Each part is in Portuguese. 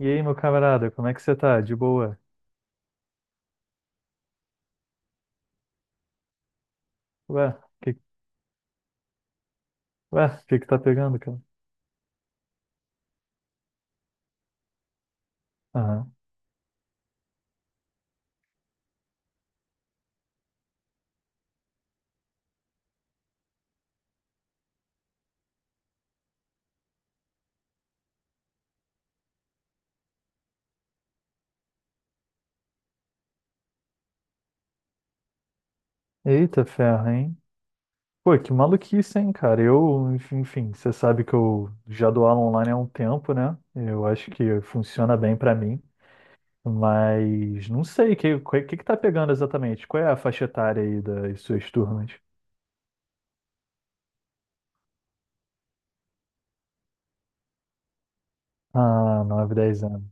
E aí, meu camarada, como é que você tá? De boa? Ué, que, que tá pegando, cara? Aham. Eita ferro, hein? Pô, que maluquice, hein, cara? Enfim, você sabe que eu já dou aula online há um tempo, né? Eu acho que funciona bem pra mim, mas não sei, o que que tá pegando exatamente? Qual é a faixa etária aí das suas turmas? Ah, nove dez anos.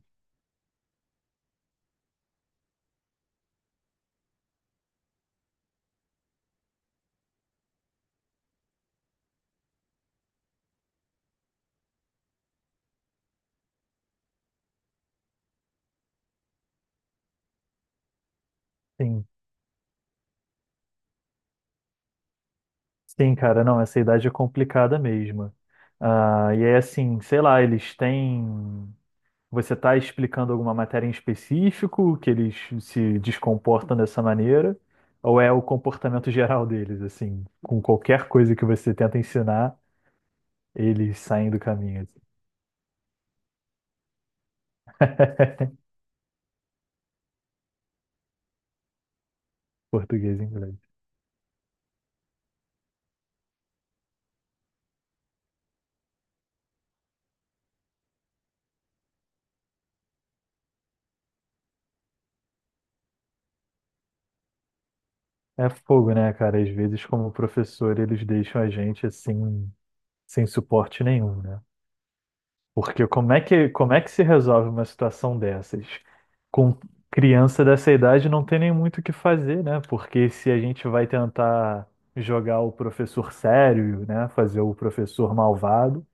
Sim, sim, cara, não, essa idade é complicada mesmo. Ah, e é assim, sei lá, eles têm. Você está explicando alguma matéria em específico que eles se descomportam dessa maneira? Ou é o comportamento geral deles, assim, com qualquer coisa que você tenta ensinar, eles saem do caminho? Assim? Português e inglês. É fogo, né, cara? Às vezes, como professor, eles deixam a gente assim, sem suporte nenhum, né? Porque como é que se resolve uma situação dessas? Com criança dessa idade não tem nem muito o que fazer, né? Porque se a gente vai tentar jogar o professor sério, né? Fazer o professor malvado,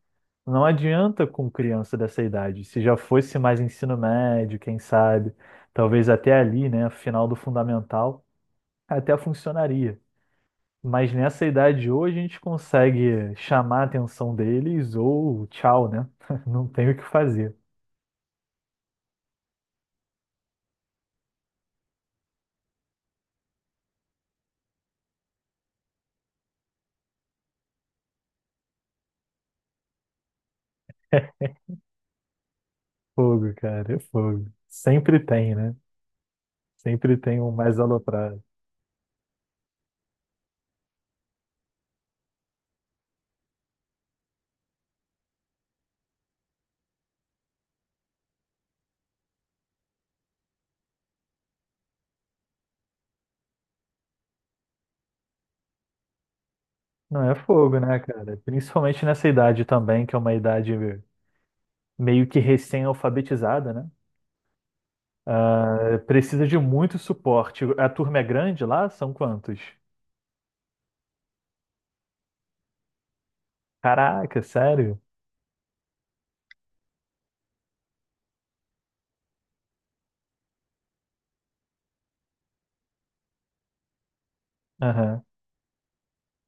não adianta com criança dessa idade. Se já fosse mais ensino médio, quem sabe, talvez até ali, né? Final do fundamental, até funcionaria. Mas nessa idade hoje a gente consegue chamar a atenção deles ou tchau, né? Não tem o que fazer. Fogo, cara, é fogo. Sempre tem, né? Sempre tem um mais aloprado. Não, é fogo, né, cara? Principalmente nessa idade também, que é uma idade meio que recém-alfabetizada, né? Ah, precisa de muito suporte. A turma é grande lá? São quantos? Caraca, sério? Aham.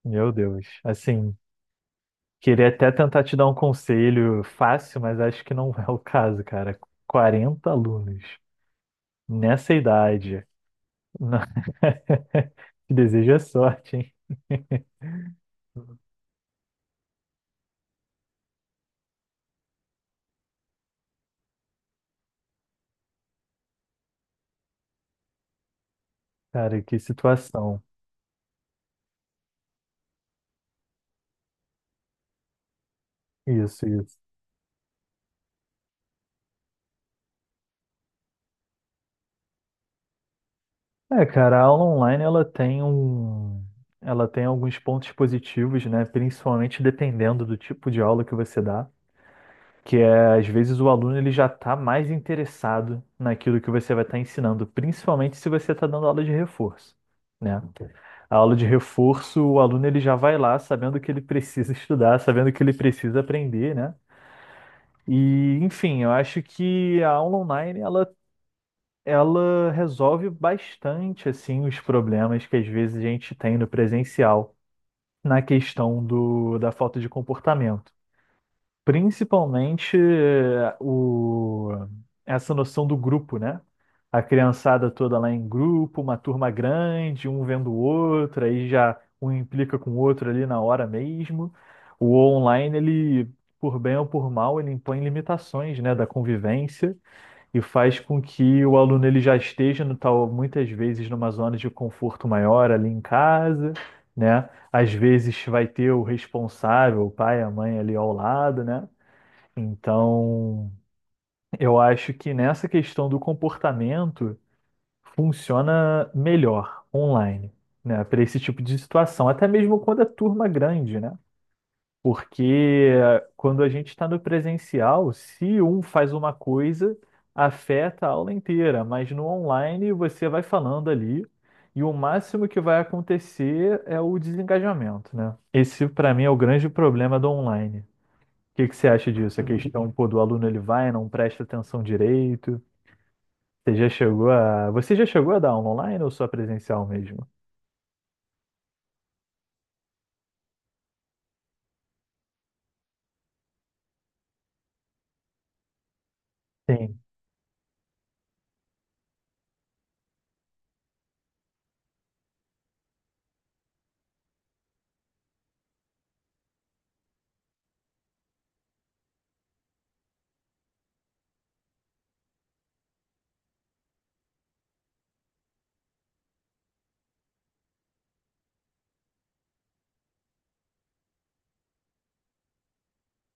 Meu Deus. Assim, queria até tentar te dar um conselho fácil, mas acho que não é o caso, cara. 40 alunos nessa idade. Não. Te desejo a sorte, hein? Cara, que situação. Isso, isso. É, cara, a aula online ela tem alguns pontos positivos, né? Principalmente dependendo do tipo de aula que você dá, que é às vezes o aluno ele já está mais interessado naquilo que você vai estar ensinando, principalmente se você está dando aula de reforço, né? Ok. A aula de reforço, o aluno ele já vai lá sabendo que ele precisa estudar, sabendo que ele precisa aprender, né? E, enfim, eu acho que a aula online ela resolve bastante assim os problemas que às vezes a gente tem no presencial na questão da falta de comportamento. Principalmente essa noção do grupo, né? A criançada toda lá em grupo, uma turma grande, um vendo o outro, aí já um implica com o outro ali na hora mesmo. O online, ele, por bem ou por mal, ele impõe limitações, né, da convivência e faz com que o aluno ele já esteja no tal, muitas vezes numa zona de conforto maior ali em casa, né? Às vezes vai ter o responsável, o pai, a mãe ali ao lado, né? Então, eu acho que nessa questão do comportamento funciona melhor online, né, para esse tipo de situação, até mesmo quando é turma grande, né? Porque quando a gente está no presencial, se um faz uma coisa, afeta a aula inteira, mas no online você vai falando ali e o máximo que vai acontecer é o desengajamento, né? Esse, para mim, é o grande problema do online. O que que você acha disso? A questão, pô, do aluno ele vai, não presta atenção direito. Você já chegou a. Você já chegou a dar aula online ou só presencial mesmo? Sim,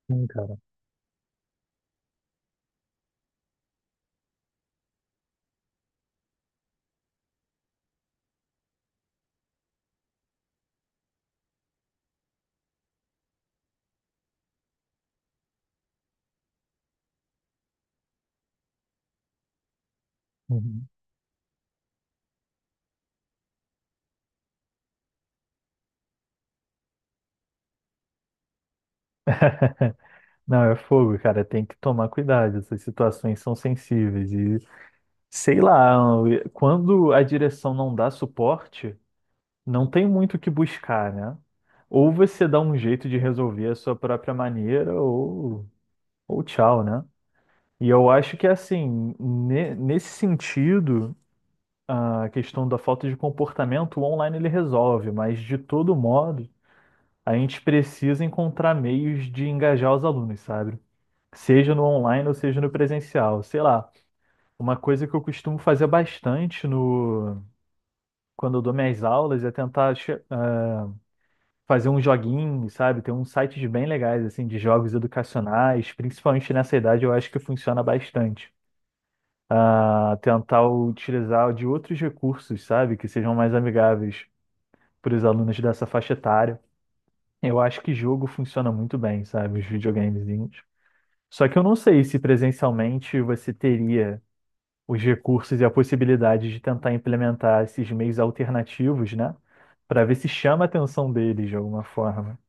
sim, cara. Uhum. Não, é fogo, cara. Tem que tomar cuidado. Essas situações são sensíveis. E sei lá, quando a direção não dá suporte, não tem muito o que buscar, né? Ou você dá um jeito de resolver a sua própria maneira, ou tchau, né? E eu acho que assim, nesse sentido. A questão da falta de comportamento, o online ele resolve, mas de todo modo, a gente precisa encontrar meios de engajar os alunos, sabe? Seja no online ou seja no presencial. Sei lá, uma coisa que eu costumo fazer bastante no quando eu dou minhas aulas é tentar fazer um joguinho, sabe? Tem uns sites bem legais assim de jogos educacionais, principalmente nessa idade, eu acho que funciona bastante. Ah, tentar utilizar de outros recursos, sabe? Que sejam mais amigáveis para os alunos dessa faixa etária. Eu acho que jogo funciona muito bem, sabe? Os videogamezinhos. Só que eu não sei se presencialmente você teria os recursos e a possibilidade de tentar implementar esses meios alternativos, né? Para ver se chama a atenção deles de alguma forma.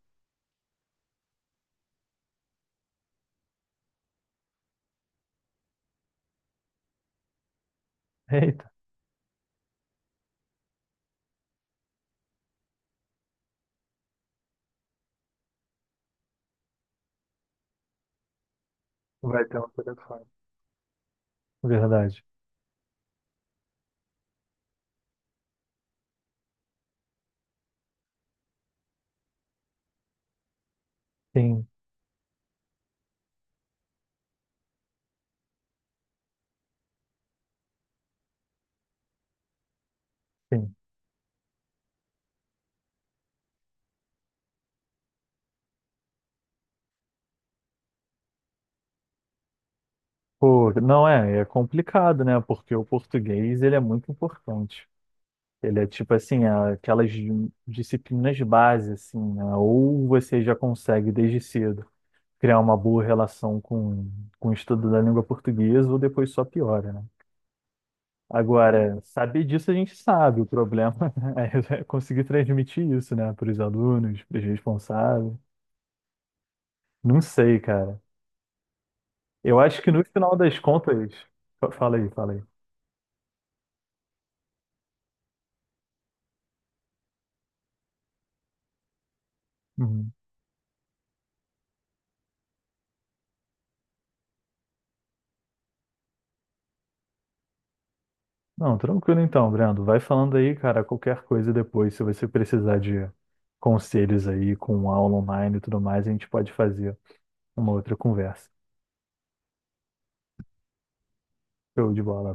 Eita, vai ter um telefone. Verdade. Sim, sim. Pô, não é, é complicado, né? Porque o português ele é muito importante. Ele é tipo assim, aquelas disciplinas base, assim, né? Ou você já consegue desde cedo criar uma boa relação com o estudo da língua portuguesa, ou depois só piora, né? Agora, saber disso a gente sabe, o problema é conseguir transmitir isso, né, para os alunos, para os responsáveis. Não sei, cara. Eu acho que no final das contas. Fala aí, fala aí. Uhum. Não, tranquilo então, Brando. Vai falando aí, cara, qualquer coisa depois, se você precisar de conselhos aí com aula online e tudo mais, a gente pode fazer uma outra conversa. Show de bola.